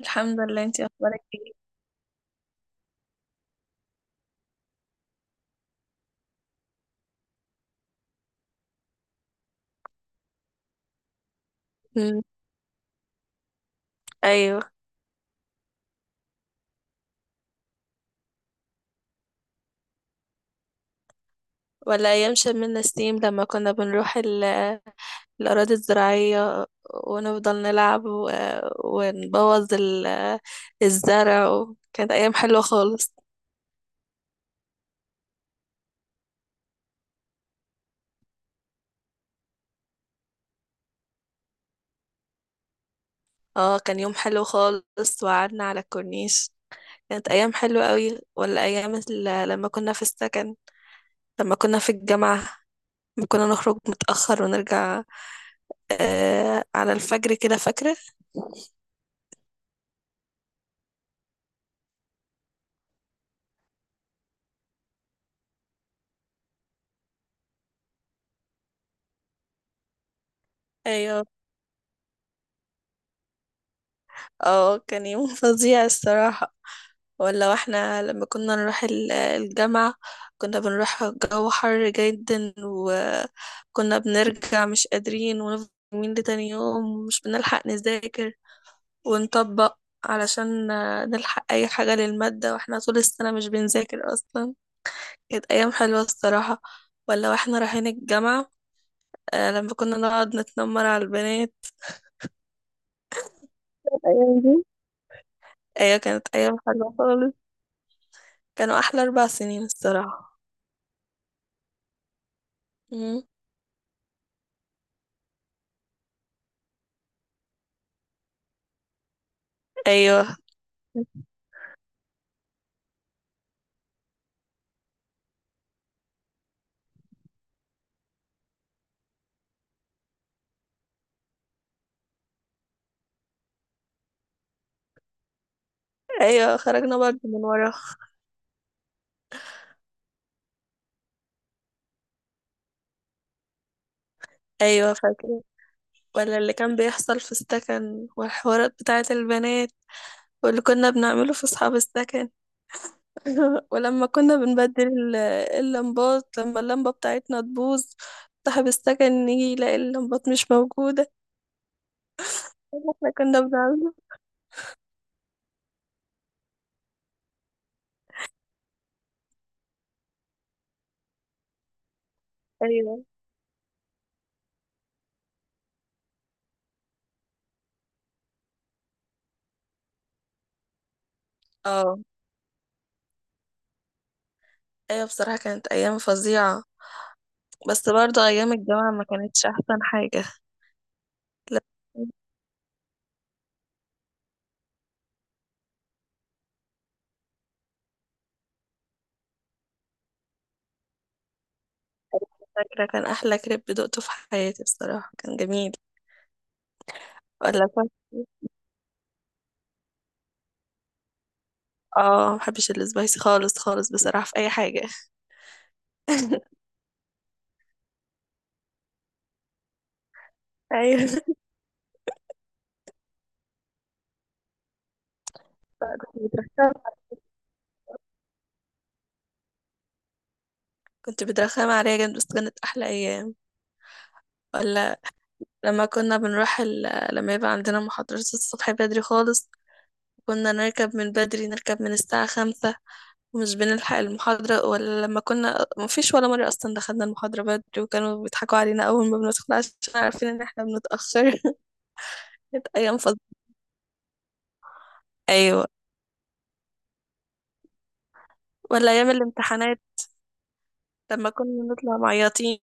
الحمد لله، انتي اخبارك ايه؟ مم. ايوه. ولا ايام شم ستيم لما كنا بنروح الاراضي الزراعيه، ونفضل نلعب ونبوظ الزرع كانت ايام حلوه خالص. اه، كان يوم حلو خالص وقعدنا على الكورنيش. كانت ايام حلوه قوي، ولا ايام لما كنا في السكن، لما كنا في الجامعه، لما كنا نخرج متاخر ونرجع على الفجر كده، فاكره؟ ايوه. اه، كان يوم فظيع الصراحة. ولا واحنا لما كنا نروح الجامعة، كنا بنروح جو حر جدا وكنا بنرجع مش قادرين، ونفضل يومين لتاني يوم ومش بنلحق نذاكر ونطبق علشان نلحق أي حاجة للمادة، واحنا طول السنة مش بنذاكر أصلا. كانت أيام حلوة الصراحة. ولا واحنا رايحين الجامعة، لما كنا نقعد نتنمر على البنات، الأيام دي. أيوة، كانت أيام حلوة خالص. كانوا احلى 4 سنين الصراحه. مم. ايوه. ايوه، خرجنا برضه من ورا. ايوه فاكره. ولا اللي كان بيحصل في السكن والحوارات بتاعه البنات، واللي كنا بنعمله في اصحاب السكن. ولما كنا بنبدل اللمبات، لما اللمبه بتاعتنا تبوظ صاحب السكن يجي يلاقي اللمبات مش موجوده. إيه اللي احنا كنا بنعمله؟ ايوه. اه. ايوه، بصراحه كانت ايام فظيعه. بس برضه ايام الجامعه ما كانتش احسن حاجه. لا. فاكرة كان أحلى كريب دقته في حياتي، بصراحة كان جميل. ولا كنت. اه، محبش السبايسي خالص خالص بصراحة في أي حاجة. أيوة، كنت بترخم. كنت بترخم عليها جامد، بس كانت أحلى أيام. ولا لما كنا بنروح لما يبقى عندنا محاضرات الصبح بدري خالص، كنا نركب من بدري، نركب من الساعة 5، ومش بنلحق المحاضرة، ولا لما كنا مفيش ولا مرة أصلا دخلنا المحاضرة بدري، وكانوا بيضحكوا علينا أول ما بندخل عشان عارفين إن احنا بنتأخر. كانت أيام فظيعة. أيوة. ولا أيام الامتحانات، لما كنا نطلع معيطين.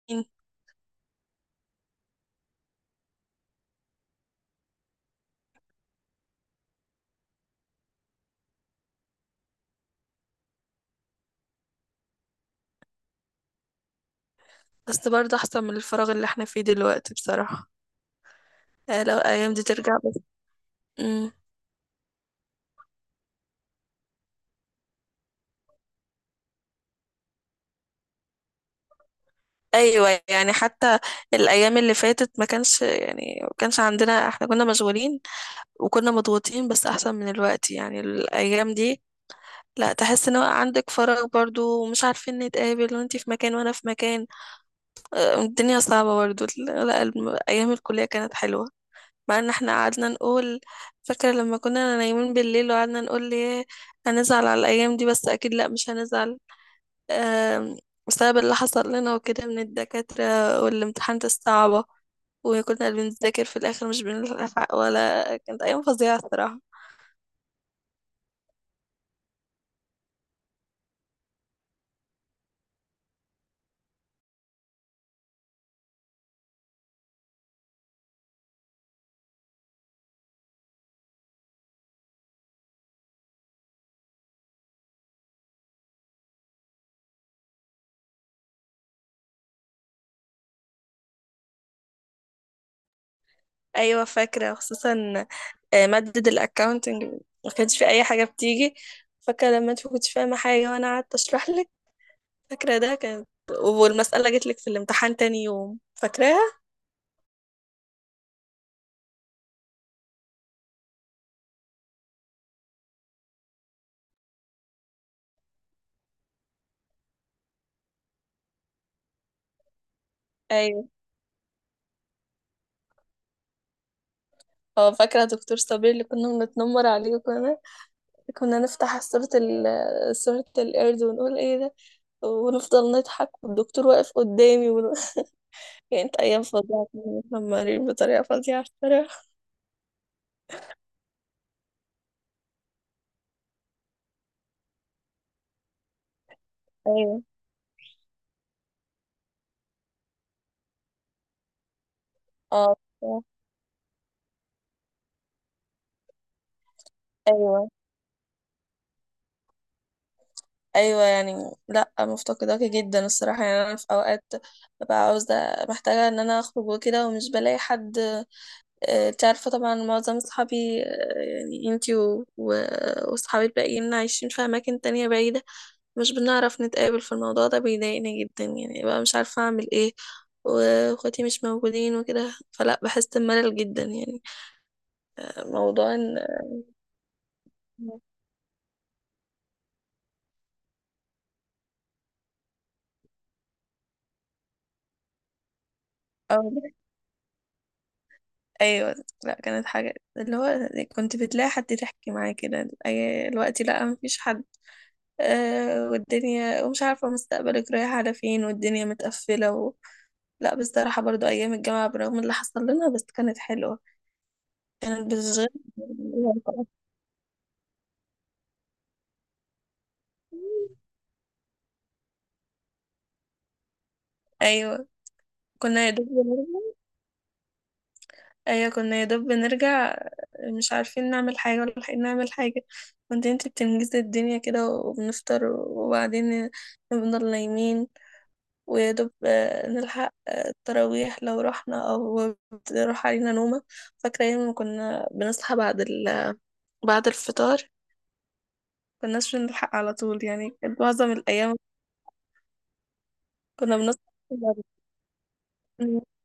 بس برضه أحسن من الفراغ اللي احنا فيه دلوقتي بصراحة. لو الأيام دي ترجع بس. مم. أيوة يعني، حتى الأيام اللي فاتت ما كانش يعني ما كانش عندنا، احنا كنا مشغولين وكنا مضغوطين، بس أحسن من الوقت يعني الأيام دي. لا، تحس ان هو عندك فراغ برضو، ومش عارفين نتقابل، وانتي في مكان وانا في مكان. الدنيا صعبة برضو. لا، أيام الكلية كانت حلوة. مع ان احنا قعدنا نقول، فاكرة لما كنا نايمين بالليل وقعدنا نقول ليه هنزعل على الأيام دي؟ بس أكيد لأ، مش هنزعل. آم، بسبب اللي حصل لنا وكده من الدكاترة، والامتحانات الصعبة، وكنا بنذاكر في الآخر مش بنلحق، ولا كانت أيام فظيعة الصراحة. أيوة فاكرة، خصوصا مادة الأكاونتنج، ما كانش في أي حاجة بتيجي. فاكرة لما أنت كنتش فاهمة حاجة وأنا قعدت أشرح لك، فاكرة ده كان، والمسألة جت لك في الامتحان تاني يوم، فاكراها؟ اه، فاكرة دكتور صابر اللي كنا بنتنمر عليه، وكنا نفتح صورة القرد، ونقول ايه ده، ونفضل نضحك والدكتور واقف قدامي يعني كانت أيام فظيعة، كنا متنمرين بطريقة فظيعة الصراحة. ايوه. اه بصراحة. ايوه. ايوه يعني. لا، مفتقداك جدا الصراحه، يعني انا في اوقات ببقى عاوزه محتاجه ان انا اخرج وكده ومش بلاقي حد. انت عارفه طبعا معظم اصحابي، يعني انتي واصحابي الباقيين عايشين في اماكن تانية بعيده، مش بنعرف نتقابل في الموضوع ده بيضايقني جدا، يعني بقى مش عارفة أعمل إيه. واخواتي مش موجودين وكده، فلا بحس بملل جدا يعني. موضوع إن. أو. أيوة. لا، كانت حاجة اللي هو، كنت بتلاقي حد تحكي معاه كده، الوقت لا مفيش حد. أه والدنيا، ومش عارفة مستقبلك رايح على فين، والدنيا متقفلة لا بصراحة، برضو أيام الجامعة برغم اللي حصل لنا بس كانت حلوة، كانت بتشغل. أيوة، كنا يا دوب. ايوه كنا يا دوب بنرجع، مش عارفين نعمل حاجة ولا لاحقين نعمل حاجة. كنت انت بتنجزي الدنيا كده، وبنفطر وبعدين بنفضل نايمين، ويا دوب نلحق التراويح لو رحنا، او بتروح علينا نومة. فاكرة ايام ما كنا بنصحى بعد بعد الفطار، كناش بنلحق على طول، يعني كانت معظم الايام كنا بنصحى بعد الفطار.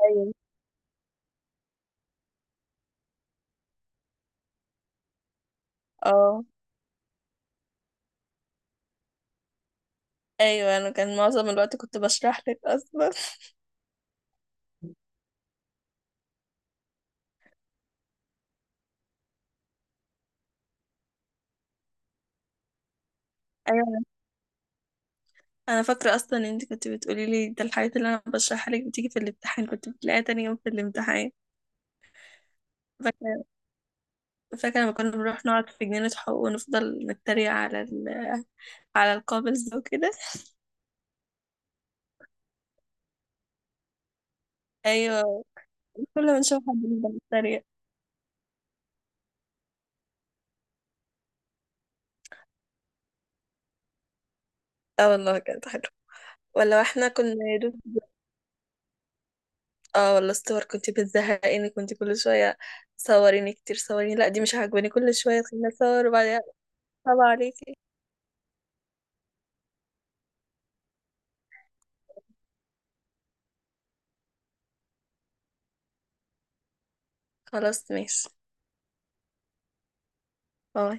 ايوه. اه. ايوه، انا كان معظم الوقت كنت بشرح لك اصلا. انا فاكره اصلا ان انت كنت بتقولي لي ده الحاجات اللي انا بشرحها لك بتيجي في الامتحان، كنت بتلاقيها تاني يوم في الامتحان. فاكره. فاكره لما كنا بنروح نقعد في جنينه حقوق، ونفضل نتريق على القابلز وكده. ايوه، كل ما نشوف حد نفضل نتريق. اه والله كانت حلوه. ولا احنا كنا يا دوب. اه والله الصور كنت بتزهقيني، كنت كل شويه صوريني كتير، صوريني لا دي مش عاجباني، كل شويه تخليني اصور وبعدين. صعب عليكي. خلاص ماشي. باي.